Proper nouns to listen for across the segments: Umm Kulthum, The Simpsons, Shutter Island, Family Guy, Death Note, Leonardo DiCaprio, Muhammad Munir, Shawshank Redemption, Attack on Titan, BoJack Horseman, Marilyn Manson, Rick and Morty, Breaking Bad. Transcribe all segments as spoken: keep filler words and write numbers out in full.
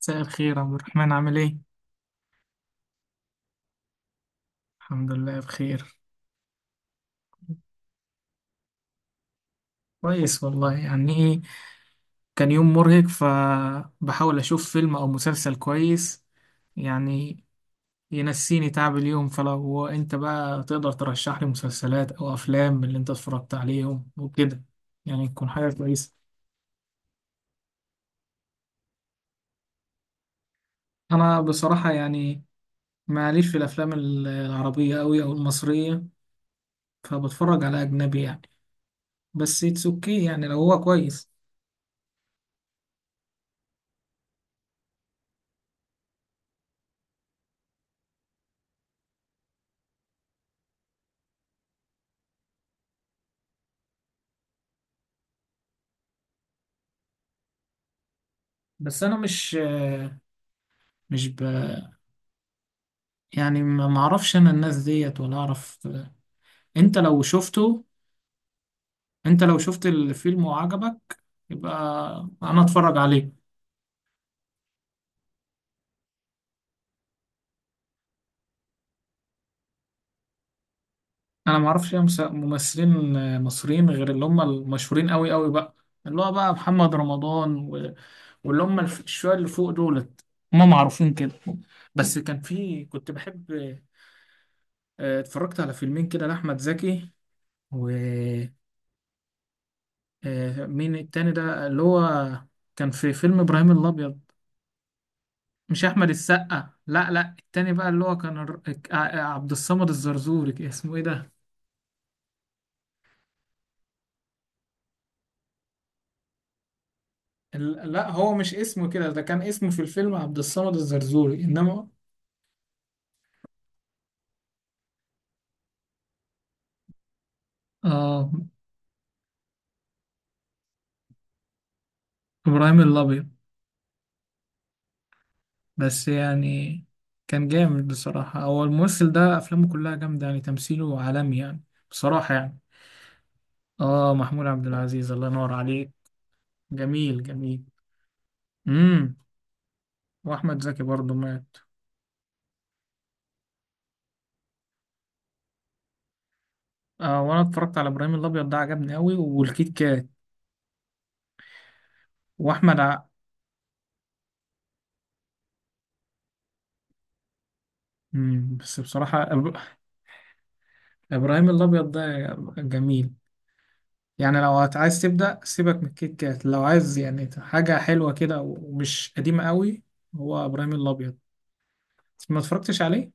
مساء الخير عبد الرحمن، عامل ايه؟ الحمد لله بخير. كويس والله. يعني ايه، كان يوم مرهق فبحاول اشوف فيلم او مسلسل كويس يعني ينسيني تعب اليوم. فلو انت بقى تقدر ترشح لي مسلسلات او افلام من اللي انت اتفرجت عليهم وكده، يعني تكون حاجة كويسة. انا بصراحة يعني معليش في الافلام ال- العربية قوي او المصرية، فبتفرج على اجنبي يعني. بس اتس اوكي يعني لو هو كويس. بس انا مش مش ب... يعني ما ما اعرفش انا الناس ديت ولا اعرف. انت لو شفته انت لو شفت الفيلم وعجبك يبقى انا اتفرج عليه. انا ما اعرفش أي مس- ممثلين مصريين غير اللي هم المشهورين قوي قوي بقى، اللي هو بقى محمد رمضان و... واللي هم الف- الشوية اللي فوق دولت، هم معروفين كده. بس كان في، كنت بحب، آه، اتفرجت على فيلمين كده لأحمد زكي. و آه، مين التاني ده اللي هو، كان في فيلم إبراهيم الأبيض. مش احمد السقا، لا لا، التاني بقى اللي هو كان الر- ك- ع- عبد الصمد الزرزوري، ك- اسمه ايه ده. ال- لا، هو مش اسمه كده، ده كان اسمه في الفيلم عبد الصمد الزرزوري، انما اه، ابراهيم الابيض. بس يعني كان جامد بصراحة، هو الممثل ده افلامه كلها جامدة يعني، تمثيله عالمي يعني، بصراحة يعني. اه، محمود عبد العزيز. الله ينور عليك. جميل جميل. امم واحمد زكي برضه مات. آه وانا اتفرجت على ابراهيم الابيض ده، عجبني قوي، والكيت كات واحمد. مم. بس بصراحة إب- إبراهيم الأبيض ده جميل يعني. لو هت- عايز تبدأ سيبك من الكيت كات لو عايز يعني حاجة حلوة كده ومش قديمة قوي. هو إبراهيم الأبيض، ما اتفرجتش عليه؟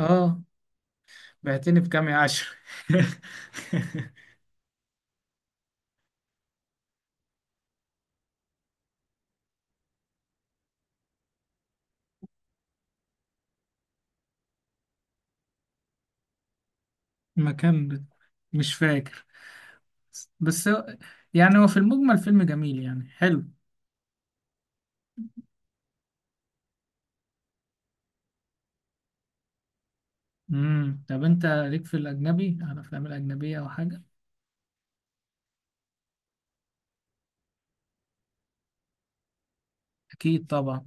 آه. بعتني بكام يا عشر. مكان، مش فاكر، بس هو- يعني هو في المجمل فيلم جميل يعني، حلو. امم طب انت ليك في الاجنبي، على الافلام الاجنبيه او حاجه؟ اكيد طبعا.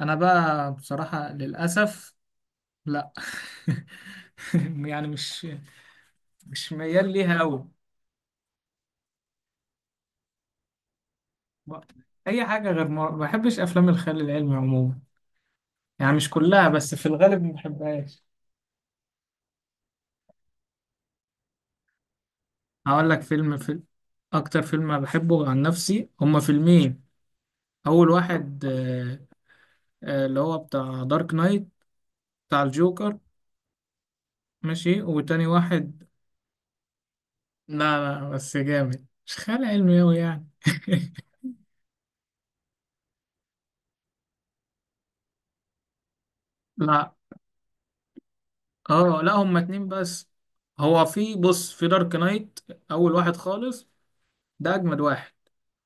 انا بقى بصراحه للاسف لا. يعني مش مش ميال ليها قوي. اي حاجه غير مر... ما بحبش افلام الخيال العلمي عموما، يعني مش كلها، بس في الغالب ما بحبهاش. هقول لك فيلم. في اكتر فيلم بحبه عن نفسي هما فيلمين. اول واحد آه، آه، اللي هو بتاع دارك نايت، بتاع الجوكر. ماشي، وتاني واحد، لا لا، بس جامد، مش خيال علمي قوي يعني. لا، اه لا، هما اتنين بس. هو في، بص، في دارك نايت اول واحد خالص، ده اجمد واحد.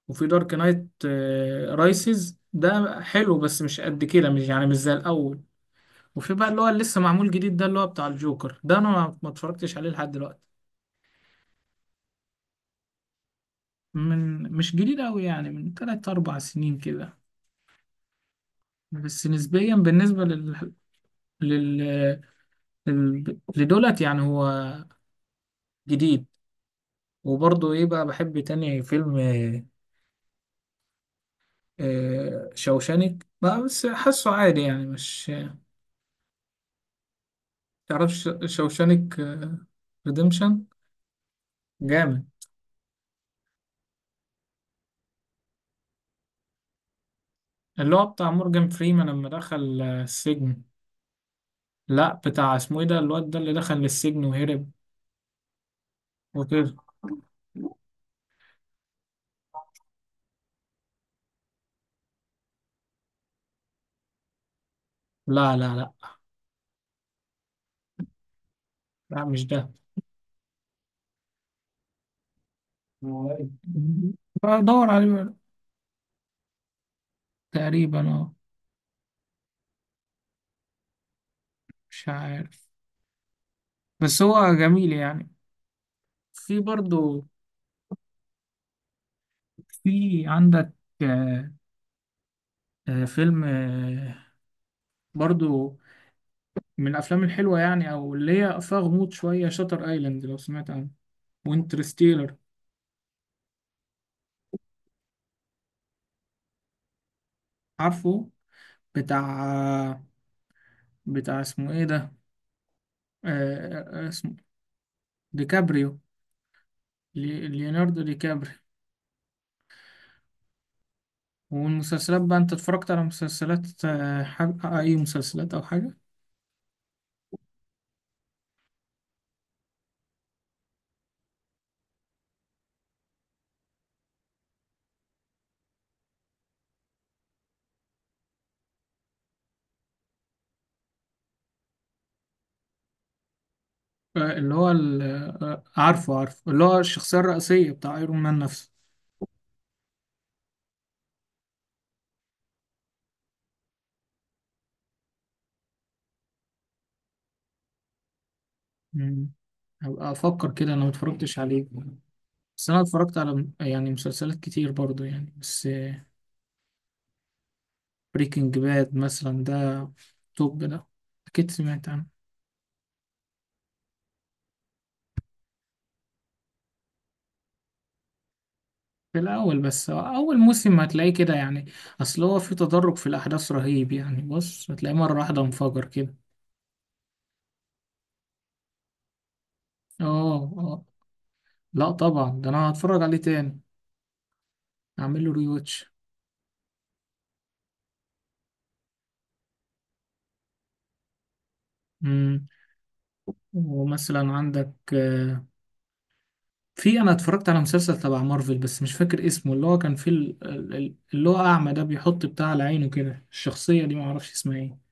وفي دارك نايت آه، رايسز ده حلو بس مش قد كده، مش يعني مش زي الاول. وفي بقى اللي هو اللي لسه معمول جديد ده، اللي هو بتاع الجوكر ده، انا ما ما اتفرجتش عليه لحد دلوقتي. من، مش جديد قوي يعني، من تلات اربع سنين كده، بس نسبيا بالنسبة لل... لل... لل... لدولت، يعني هو جديد. وبرضه ايه بقى، بحب تاني فيلم آه، شوشانك، ما بس حاسه عادي يعني، مش. تعرفش شوشانك ريديمشن؟ جامد. اللي هو بتاع مورجان فريمان لما دخل آه، السجن. لا، بتاع اسمه ايه ده، الواد ده اللي دخل للسجن وهرب وكده. لا لا لا لا، مش ده. هو إيه؟ بدور عليه بقى. تقريبا اه. مش عارف، بس هو جميل يعني. في برضو، في عندك آه، آه، فيلم آه، برضو من الافلام الحلوه يعني، او اللي هي فيها غموض شويه، شاتر ايلاند لو سمعت عنه، وانترستيلر. عارفه. بتاع بتاع اسمه ايه ده، آه... آه، اسمه ديكابريو. لي- ليوناردو ديكابريو. والمسلسلات بقى، انت اتفرجت على مسلسلات آه، حاج... اي مسلسلات او حاجه؟ آه، اللي هو ال... آه، عارفه عارفه، اللي هو الشخصيه الرئيسيه بتاع ايرون مان نفسه. مم. هبقى افكر كده، انا ما اتفرجتش عليه. بس انا اتفرجت على يعني مسلسلات كتير برضو يعني، بس بريكنج باد مثلا ده، توب ده، اكيد سمعت عنه. في الاول بس، اول موسم هتلاقيه كده يعني، اصل هو في تدرج في الاحداث رهيب يعني، بص هتلاقيه مره واحده انفجر كده. اه اه، لا طبعا ده انا هتفرج عليه تاني، اعمل له ريواتش. امم ومثلا عندك آه، في انا اتفرجت على مسلسل تبع مارفل بس مش فاكر اسمه، اللي هو كان فيه ال- ال- ال- اللي هو اعمى ده، بيحط بتاع على عينه كده، الشخصيه دي ما اعرفش اسمها ايه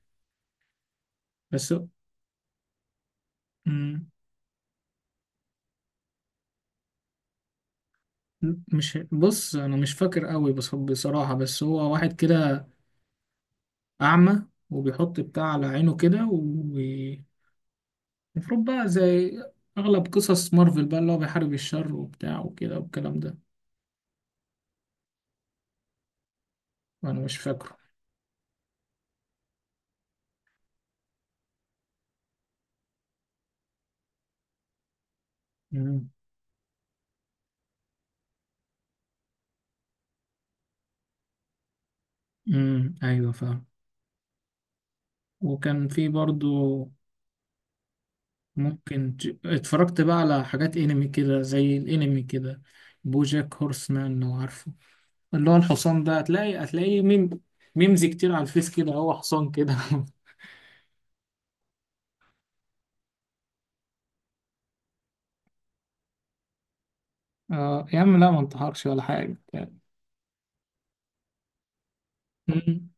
بس. مم. مش، بص، انا مش فاكر قوي بس بصراحة، بس هو واحد كده اعمى وبيحط بتاع على عينه كده، ومفروض بقى زي اغلب قصص مارفل بقى اللي هو بيحارب الشر وبتاع وكده والكلام ده. وانا مش فاكره. امم أمم، ايوه فاهم. وكان في برضو، ممكن ج... اتفرجت بقى على حاجات انمي كده، زي الانمي كده، بوجاك هورسمان لو عارفه، اللي هو الحصان ده، هتلاقي هتلاقيه ميم، ميمز كتير على الفيس كده، هو حصان كده. اه يا عم، لا، ما انتحرش ولا حاجة يعني. أمم.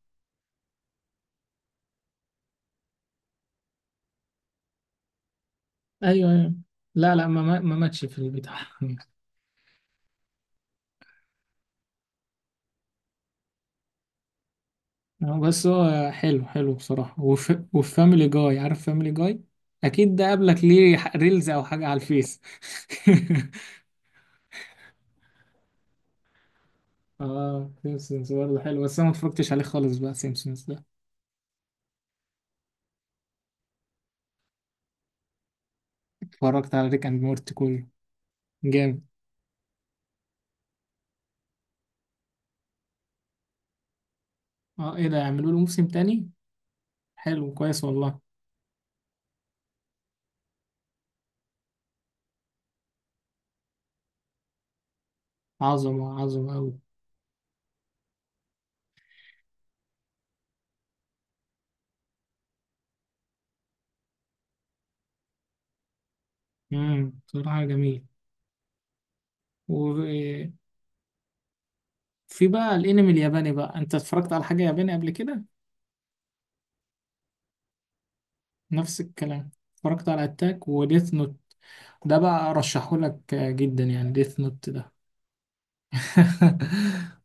ايوه ايوه، لا لا، ما ما ما ماتش في البتاع. آه، بس هو حلو، حلو بصراحة. وف... وفاميلي جاي، عارف فاميلي جاي، اكيد ده قابلك ليه ح- ريلز او حاجة على الفيس. اه، سيمسونز برضه حلو، بس انا ما اتفرجتش عليه خالص بقى سيمسونز ده. اتفرجت على ريك اند مورتي كله، جامد. اه ايه ده، يعملوا له موسم تاني؟ حلو، كويس والله. عظمة عظمة أوي. امم بصراحة جميل. في بقى الانمي الياباني بقى، انت اتفرجت على حاجة ياباني قبل كده؟ نفس الكلام، اتفرجت على اتاك وديث نوت، ده بقى ارشحهولك جدا يعني، ديث نوت ده.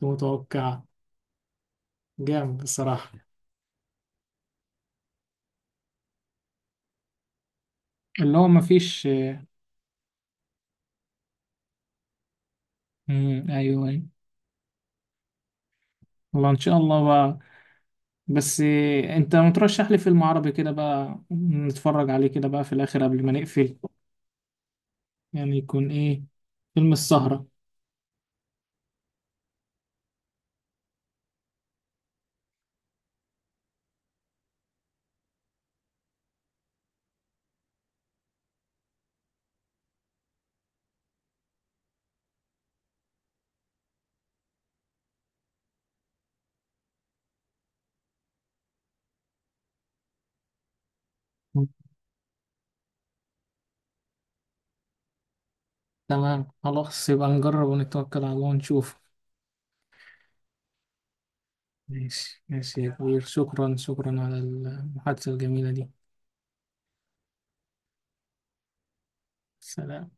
متوقع. جامد بصراحة. اللي هو مفيش. مم. ايوه ايوه. والله ان شاء الله بقى. بس انت مترشح لي فيلم عربي كده بقى نتفرج عليه كده بقى في الاخر قبل ما نقفل، يعني يكون ايه؟ فيلم السهرة. تمام، خلاص، يبقى نجرب ونتوكل على الله ونشوف. ماشي ماشي يا كبير، شكرا شكرا على المحادثة الجميلة دي. سلام.